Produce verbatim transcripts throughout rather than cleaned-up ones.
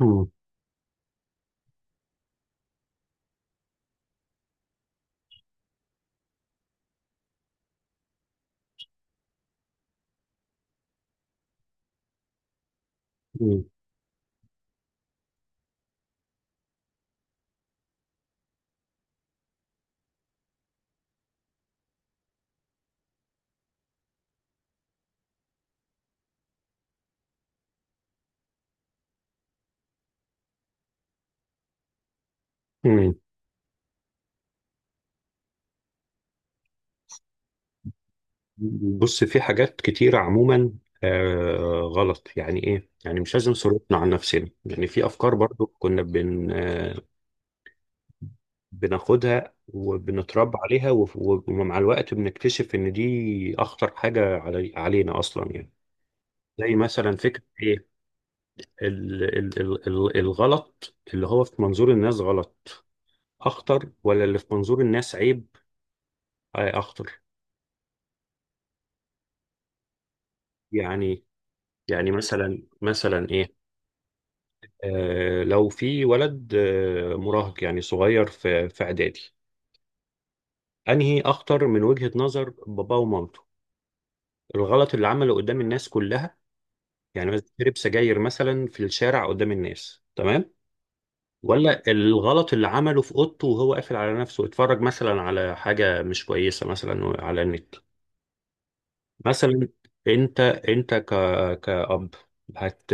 مم. مم. مم. بص، في حاجات كتيرة عموما. آه غلط يعني ايه، يعني مش لازم صرفنا عن نفسنا، يعني في افكار برضو كنا بن آه بناخدها وبنتربى عليها وف- ومع الوقت بنكتشف ان دي اخطر حاجة علي علينا اصلا يعني. زي مثلا فكرة ايه، ال ال ال ال الغلط اللي هو في منظور الناس غلط اخطر، ولا اللي في منظور الناس عيب؟ آه اخطر. يعني يعني مثلا مثلا ايه، آه، لو في ولد، آه، مراهق يعني صغير في في اعدادي، انهي اخطر من وجهة نظر باباه ومامته؟ الغلط اللي عمله قدام الناس كلها، يعني مثلا شرب سجاير مثلا في الشارع قدام الناس، تمام؟ ولا الغلط اللي عمله في اوضته وهو قافل على نفسه، اتفرج مثلا على حاجة مش كويسة مثلا على النت مثلا؟ انت انت ك كأب هت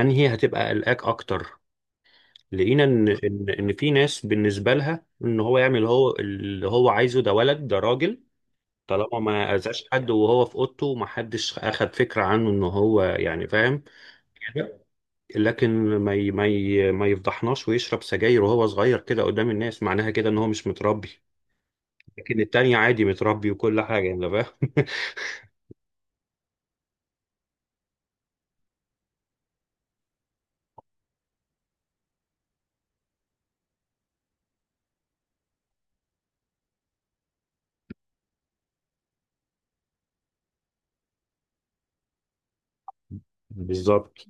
انهي هتبقى قلقاك اكتر؟ لقينا ان ان ان في ناس بالنسبه لها ان هو يعمل هو اللي هو عايزه، ده ولد، ده راجل، طالما ما اذاش حد وهو في اوضته، ومحدش اخد فكره عنه ان هو يعني فاهم كده. لكن ما ي- ما ي- ما يفضحناش ويشرب سجاير وهو صغير كده قدام الناس، معناها كده ان هو مش متربي. لكن التاني عادي متربي وكل حاجه، انت فاهم؟ بالظبط.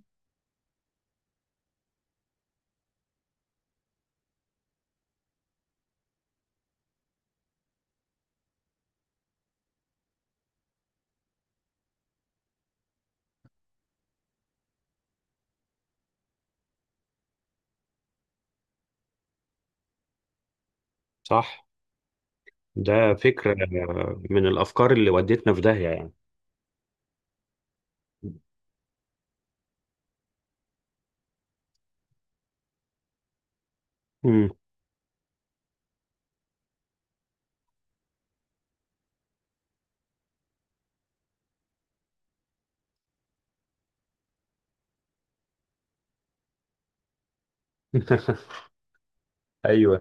صح، ده فكره من الافكار اللي ودتنا في داهيه يعني. مم. ايوه.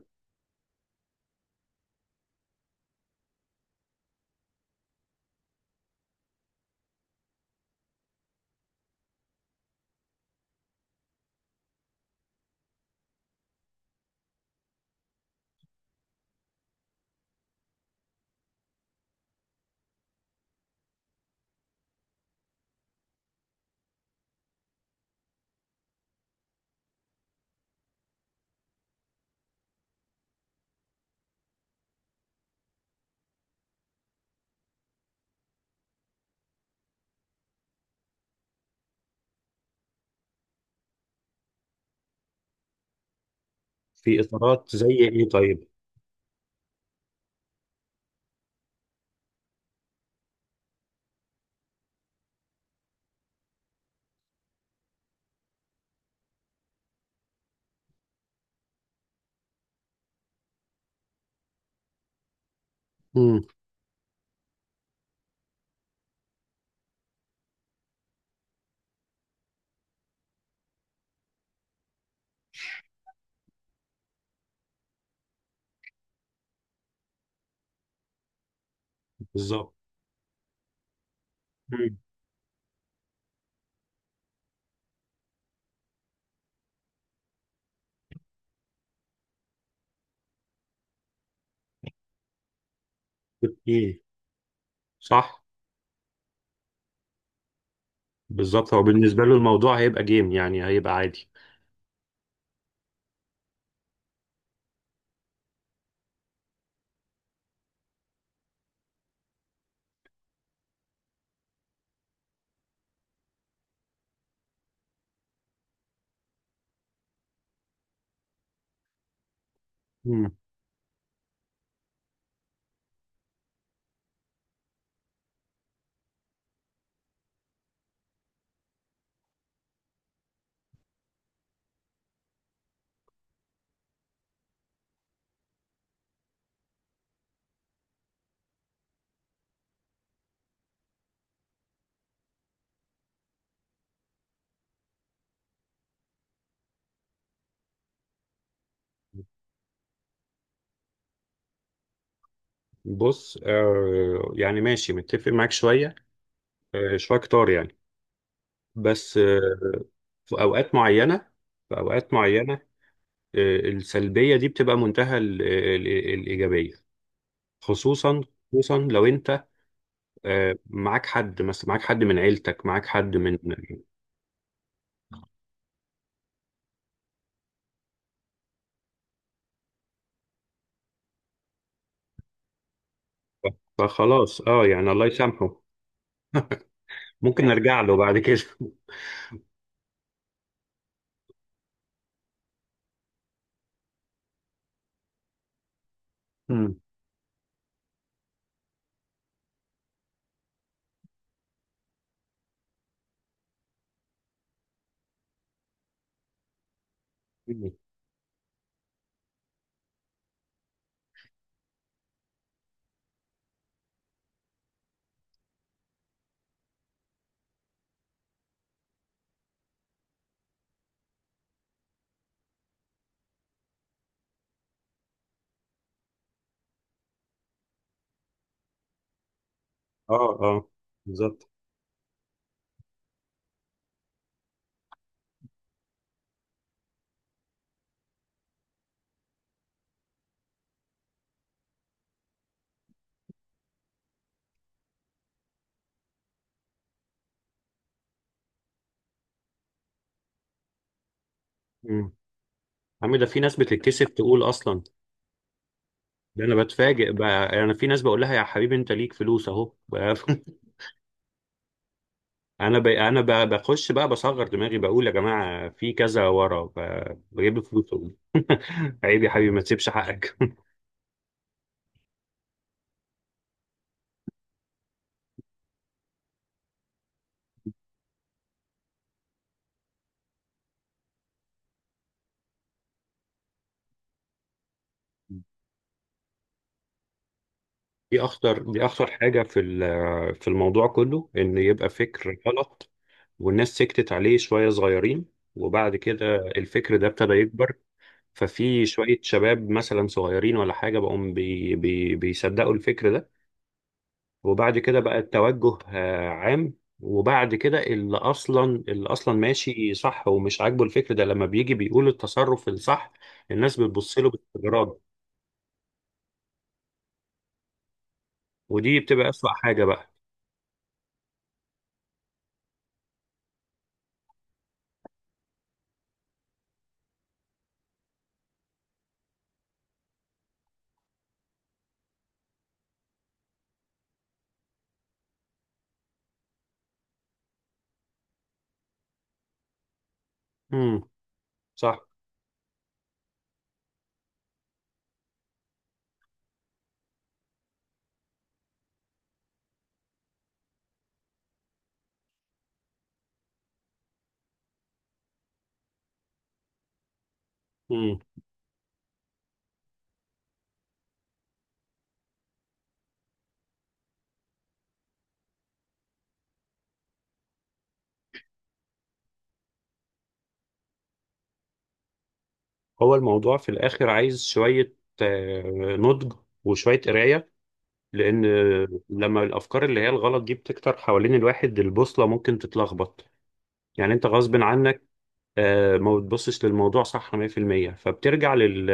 في اطارات زي ايه طيب؟ امم. بالظبط. مم. ايه. صح. بالظبط، هو بالنسبه له الموضوع هيبقى جيم يعني، هيبقى عادي. مم. بص، آه يعني ماشي متفق معاك شويه، آه شويه كتار يعني. بس، آه في اوقات معينه، في اوقات معينه آه السلبيه دي بتبقى منتهى ال- ال- الايجابيه، خصوصا، خصوصا لو انت آه معاك حد، مثلا معاك حد من عيلتك، معاك حد من، فخلاص اه يعني الله يسامحه. ممكن نرجع له بعد كده. مم. اه، اه، بالظبط. مم. عم ده في ناس بتتكسف تقول اصلا. ده انا بتفاجئ بقى، انا في ناس بقول لها يا حبيبي انت ليك فلوس اهو. انا ب... انا ب... بخش بقى بصغر دماغي بقول يا جماعه في كذا ورا ب... بجيب فلوس أهو. عيب يا حبيبي، ما تسيبش حقك. دي اخطر دي اخطر حاجه في ال- في الموضوع كله، ان يبقى فكر غلط والناس سكتت عليه شويه، صغيرين، وبعد كده الفكر ده ابتدى يكبر، ففي شوية شباب مثلا صغيرين ولا حاجة بقوا بي بي بيصدقوا الفكر ده. وبعد كده بقى التوجه آه، عام، وبعد كده اللي أصلا اللي أصلا ماشي صح ومش عاجبه الفكر ده، لما بيجي بيقول التصرف الصح الناس بتبص له باستغراب، ودي بتبقى أسوأ حاجة بقى. امم. صح. امم. هو الموضوع في الآخر عايز شوية آه، نضج وشوية قراية، لأن لما الأفكار اللي هي الغلط دي بتكتر حوالين الواحد البوصلة ممكن تتلخبط. يعني انت غصب عنك آه، ما بتبصش للموضوع صح مية في المية، فبترجع لل...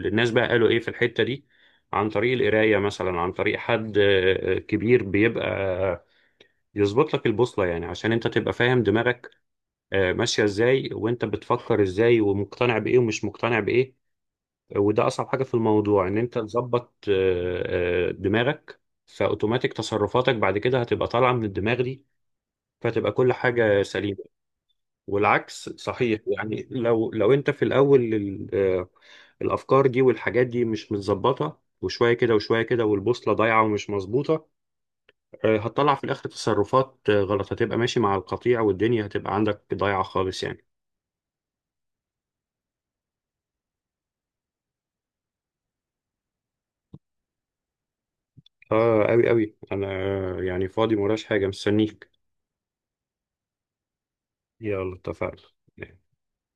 للناس بقى قالوا ايه في الحتة دي، عن طريق القراية مثلا، عن طريق حد آه، آه، كبير بيبقى يظبط لك البوصلة، يعني عشان انت تبقى فاهم دماغك آه، ماشية ازاي، وانت بتفكر ازاي ومقتنع بايه ومش مقتنع بايه. وده اصعب حاجة في الموضوع، ان انت تظبط آه، آه، دماغك، فاوتوماتيك تصرفاتك بعد كده هتبقى طالعة من الدماغ دي، فتبقى كل حاجة سليمة. والعكس صحيح، يعني لو لو انت في الاول ال- آه، الافكار دي والحاجات دي مش متظبطه، وشويه كده وشويه كده، والبوصله ضايعه ومش مظبوطه، آه، هتطلع في الاخر تصرفات آه، غلط، هتبقى ماشي مع القطيع والدنيا هتبقى عندك ضايعه خالص يعني. اه، قوي قوي انا آه، يعني فاضي، مراش حاجه، مستنيك. يلا، اتفقنا.